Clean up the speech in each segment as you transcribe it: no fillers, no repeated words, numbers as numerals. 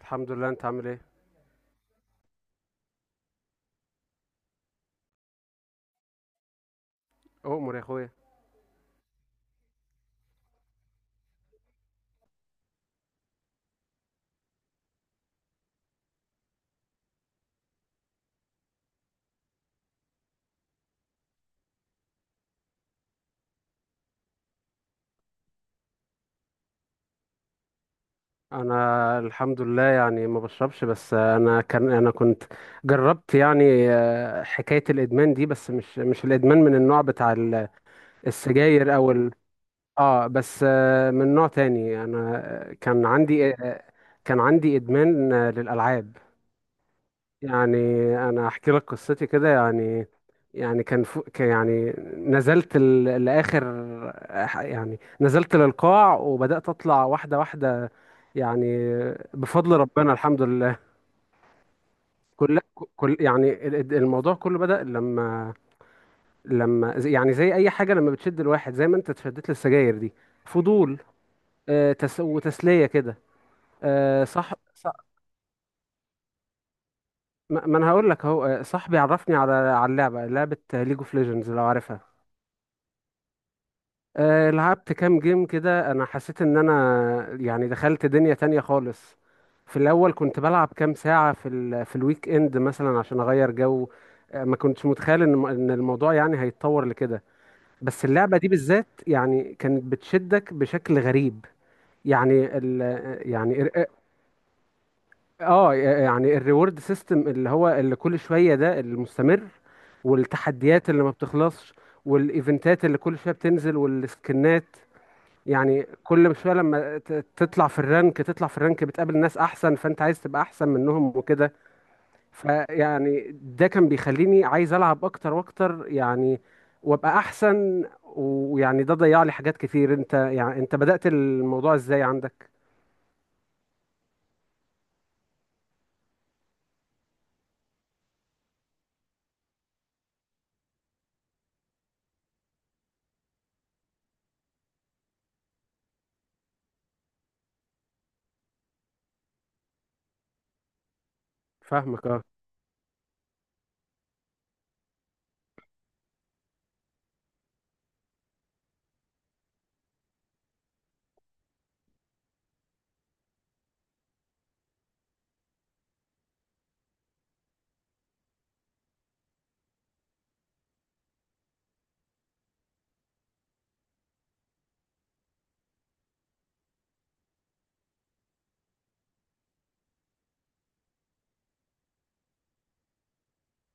الحمد لله، انت عامل ايه؟ اؤمر يا اخويا. انا الحمد لله يعني ما بشربش، بس انا كنت جربت يعني حكاية الادمان دي، بس مش الادمان من النوع بتاع السجاير اه بس من نوع تاني. انا آه، كان عندي آه، كان عندي ادمان للالعاب. يعني انا احكي لك قصتي كده يعني. يعني كان يعني نزلت لاخر، يعني نزلت للقاع وبدات اطلع واحده واحده، يعني بفضل ربنا الحمد لله. كل كل يعني الموضوع كله بدأ لما يعني زي اي حاجه لما بتشد الواحد، زي ما انت اتشدت للسجاير دي، فضول وتسليه كده. صح صح. ما انا هقول لك اهو. صاحبي عرفني على اللعبه، لعبه ليج اوف ليجندز لو عارفها. لعبت كام جيم كده، انا حسيت ان انا يعني دخلت دنيا تانية خالص. في الاول كنت بلعب كام ساعة في الويك اند مثلا عشان اغير جو. ما كنتش متخيل ان الموضوع يعني هيتطور لكده. بس اللعبة دي بالذات يعني كانت بتشدك بشكل غريب. يعني ال يعني ال- اه يعني الريورد سيستم اللي هو اللي كل شوية ده المستمر، والتحديات اللي ما بتخلصش، والايفنتات اللي كل شوية بتنزل والسكنات. يعني كل شويه لما تطلع في الرانك، بتقابل ناس احسن، فانت عايز تبقى احسن منهم وكده. فيعني ده كان بيخليني عايز العب اكتر واكتر يعني، وابقى احسن، ويعني ده ضيع لي حاجات كتير. انت يعني انت بدأت الموضوع ازاي عندك؟ فاهمك.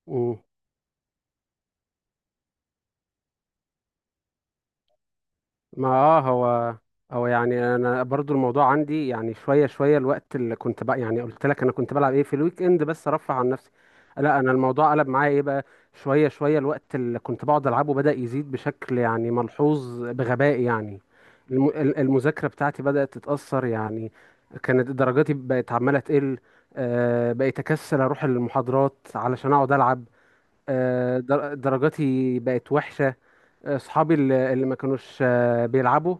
اه، ما اه هو هو يعني انا برضو الموضوع عندي يعني شويه شويه. الوقت اللي كنت بقى يعني قلت لك انا كنت بلعب ايه في الويك اند بس ارفه عن نفسي، لا انا الموضوع قلب معايا ايه بقى. شويه شويه الوقت اللي كنت بقعد العبه بدأ يزيد بشكل يعني ملحوظ بغباء يعني. المذاكره بتاعتي بدأت تتأثر يعني، كانت درجاتي بقت عماله تقل. بقيت اكسل اروح المحاضرات علشان اقعد العب. درجاتي بقت وحشه. اصحابي اللي ما كانوش بيلعبوا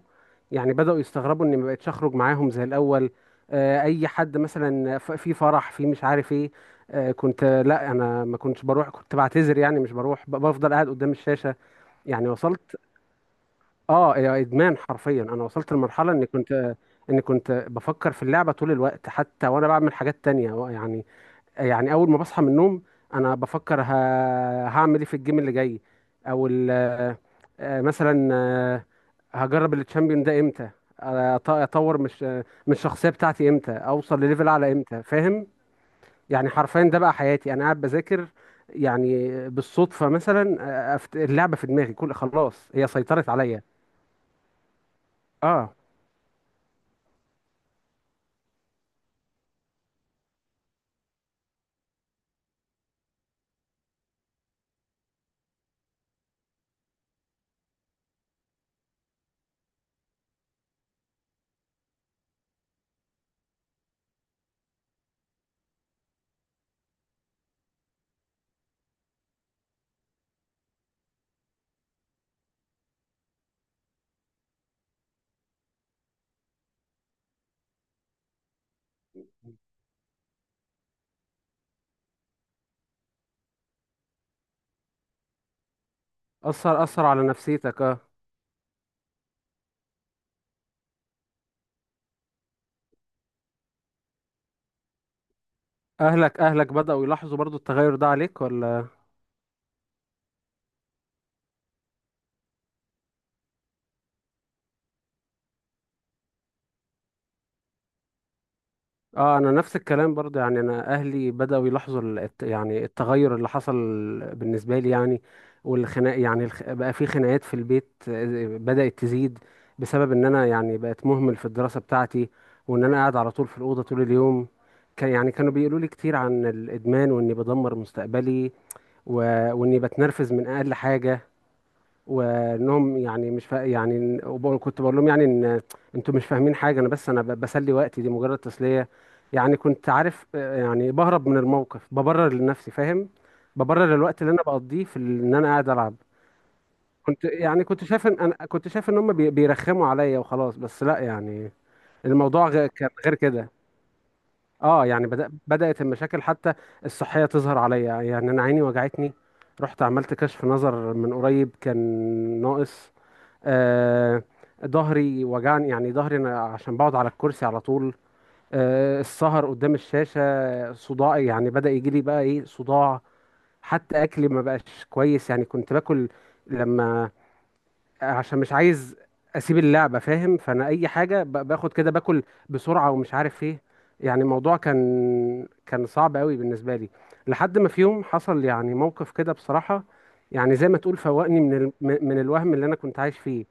يعني بدأوا يستغربوا اني ما بقتش اخرج معاهم زي الاول. اي حد مثلا في فرح، في مش عارف ايه، آه، كنت آه، لا، انا ما كنتش بروح، كنت بعتذر يعني مش بروح، بفضل قاعد قدام الشاشة. يعني وصلت، اه يا ادمان حرفيا، انا وصلت لمرحلة اني كنت اني كنت بفكر في اللعبة طول الوقت، حتى وانا بعمل حاجات تانية يعني. يعني اول ما بصحى من النوم انا بفكر هعمل ايه في الجيم اللي جاي؟ او ال... مثلا هجرب التشامبيون ده امتى؟ اطور مش من الشخصيه بتاعتي امتى؟ اوصل لليفل اعلى امتى؟ فاهم؟ يعني حرفيا ده بقى حياتي، انا قاعد بذاكر يعني بالصدفه مثلا، اللعبه في دماغي، كل خلاص هي سيطرت عليا. اه، اثر على نفسيتك اه. اهلك بداوا يلاحظوا برضو التغير ده عليك ولا؟ اه، انا نفس الكلام برضه. يعني انا اهلي بداوا يلاحظوا يعني التغير اللي حصل بالنسبه لي يعني. والخناق يعني بقى في خناقات في البيت بدات تزيد، بسبب ان انا يعني بقت مهمل في الدراسه بتاعتي، وان انا قاعد على طول في الاوضه طول اليوم. كانوا بيقولوا لي كتير عن الادمان، واني بدمر مستقبلي، و... واني بتنرفز من اقل حاجه، وانهم يعني مش فا... يعني إن- وب- كنت بقول لهم يعني ان انتوا مش فاهمين حاجه، انا بس بسلي وقتي، دي مجرد تسليه. يعني كنت عارف يعني بهرب من الموقف، ببرر لنفسي فاهم، ببرر الوقت اللي انا بقضيه في ان انا قاعد العب. كنت شايف ان هم بيرخموا عليا وخلاص، بس لا يعني الموضوع كان غير كده. اه، يعني بدأت المشاكل حتى الصحيه تظهر عليا. يعني انا عيني وجعتني، رحت عملت كشف نظر، من قريب كان ناقص. آه، ظهري وجعني، يعني ظهري انا عشان بقعد على الكرسي على طول. السهر قدام الشاشة، صداعي يعني بدأ يجي لي، بقى ايه، صداع. حتى اكلي ما بقاش كويس، يعني كنت باكل لما عشان مش عايز اسيب اللعبة فاهم، فانا اي حاجة باخد كده، باكل بسرعة ومش عارف ايه. يعني الموضوع كان صعب قوي بالنسبة لي، لحد ما في يوم حصل يعني موقف كده بصراحة، يعني زي ما تقول فوقني من من الوهم اللي انا كنت عايش فيه.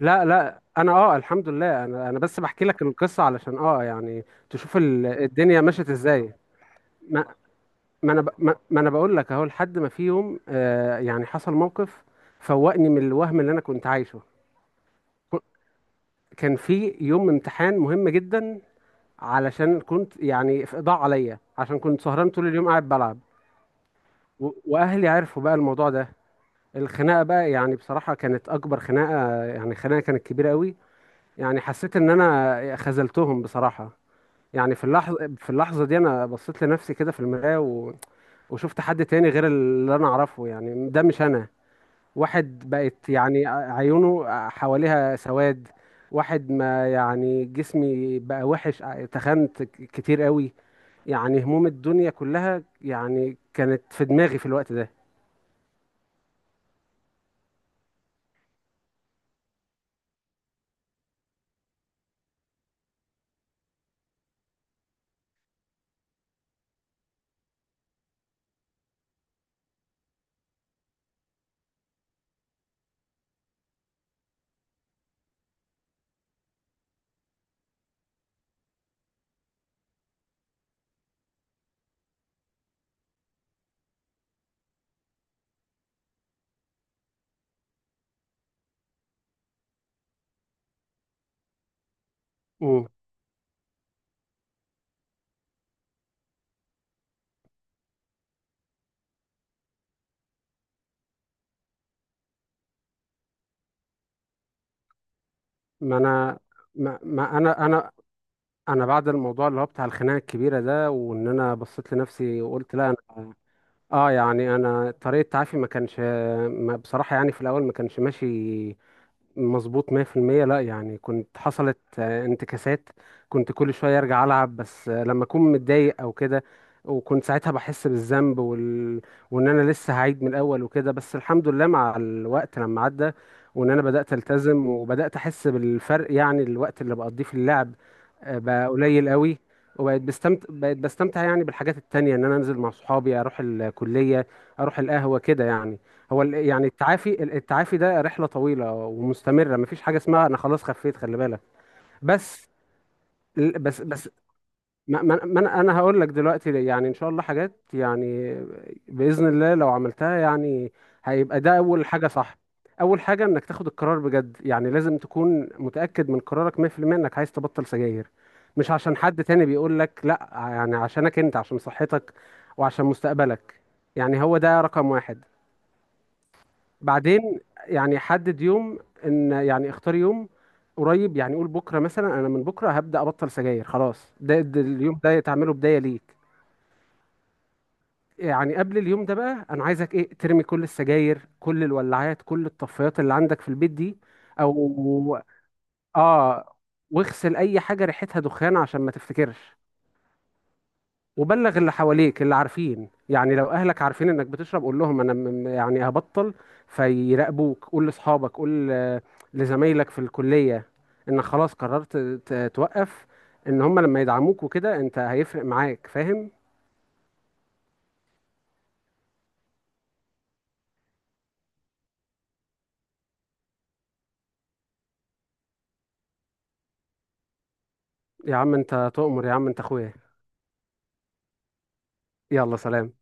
لا لا، انا الحمد لله، انا بس بحكي لك القصه علشان يعني تشوف الدنيا مشت ازاي. ما ما انا ب- ما, ما انا بقول لك اهو، لحد ما في يوم يعني حصل موقف فوقني من الوهم اللي انا كنت عايشه. ك- كان في يوم امتحان مهم جدا، علشان كنت يعني ضاع عليا عشان كنت سهران طول اليوم قاعد بلعب. واهلي عرفوا بقى الموضوع ده. الخناقه بقى يعني بصراحه كانت اكبر خناقه، يعني خناقه كانت كبيره قوي. يعني حسيت ان انا خذلتهم بصراحه. يعني في اللحظة دي أنا بصيت لنفسي كده في المراية، وشفت حد تاني غير اللي أنا أعرفه، يعني ده مش أنا. واحد بقت يعني عيونه حواليها سواد، واحد ما يعني جسمي بقى وحش، تخنت كتير قوي، يعني هموم الدنيا كلها يعني كانت في دماغي في الوقت ده. مم. ما أنا ما... ما أنا أنا، أنا بعد الموضوع اللي هو بتاع الخناقة الكبيرة ده، وإن أنا بصيت لنفسي وقلت لا. أنا اه يعني انا طريقه تعافي ما كانش، ما بصراحه يعني في الاول ما كانش ماشي مظبوط 100%. لا يعني كنت حصلت انتكاسات، كنت كل شوية ارجع العب بس لما اكون متضايق او كده، وكنت ساعتها بحس بالذنب وان انا لسه هعيد من الاول وكده. بس الحمد لله مع الوقت لما عدى، وان انا بدأت التزم وبدأت احس بالفرق، يعني الوقت اللي بقضيه في اللعب بقى قليل قوي. وبقيت بستمتع، بقيت بستمتع يعني بالحاجات التانية، ان انا انزل مع صحابي، اروح الكلية، اروح القهوة كده يعني. هو يعني التعافي، ده رحلة طويلة ومستمرة، مفيش حاجة اسمها انا خلاص خفيت، خلي بالك. بس ال- بس بس ما أنا هقول لك دلوقتي ليه. يعني ان شاء الله حاجات يعني بإذن الله لو عملتها يعني هيبقى ده اول حاجة. صح، اول حاجة انك تاخد القرار بجد، يعني لازم تكون متأكد من قرارك 100% انك عايز تبطل سجاير، مش عشان حد تاني بيقول لك لا، يعني عشانك انت، عشان صحتك وعشان مستقبلك. يعني هو ده رقم واحد. بعدين، يعني حدد يوم، ان يعني اختار يوم قريب، يعني قول بكره مثلا، انا من بكره هبدا ابطل سجاير خلاص، ده اليوم ده تعمله بدايه ليك. يعني قبل اليوم ده بقى، انا عايزك ايه، ترمي كل السجاير، كل الولاعات، كل الطفايات اللي عندك في البيت دي، او اه واغسل اي حاجه ريحتها دخان عشان ما تفتكرش. وبلغ اللي حواليك اللي عارفين، يعني لو اهلك عارفين انك بتشرب قول لهم انا يعني هبطل، فيراقبوك. قول لاصحابك، قول لزمايلك في الكلية، انك خلاص قررت توقف، ان هم لما يدعموك وكده انت هيفرق معاك فاهم. يا عم انت تؤمر، يا عم انت اخويا. يلا سلام.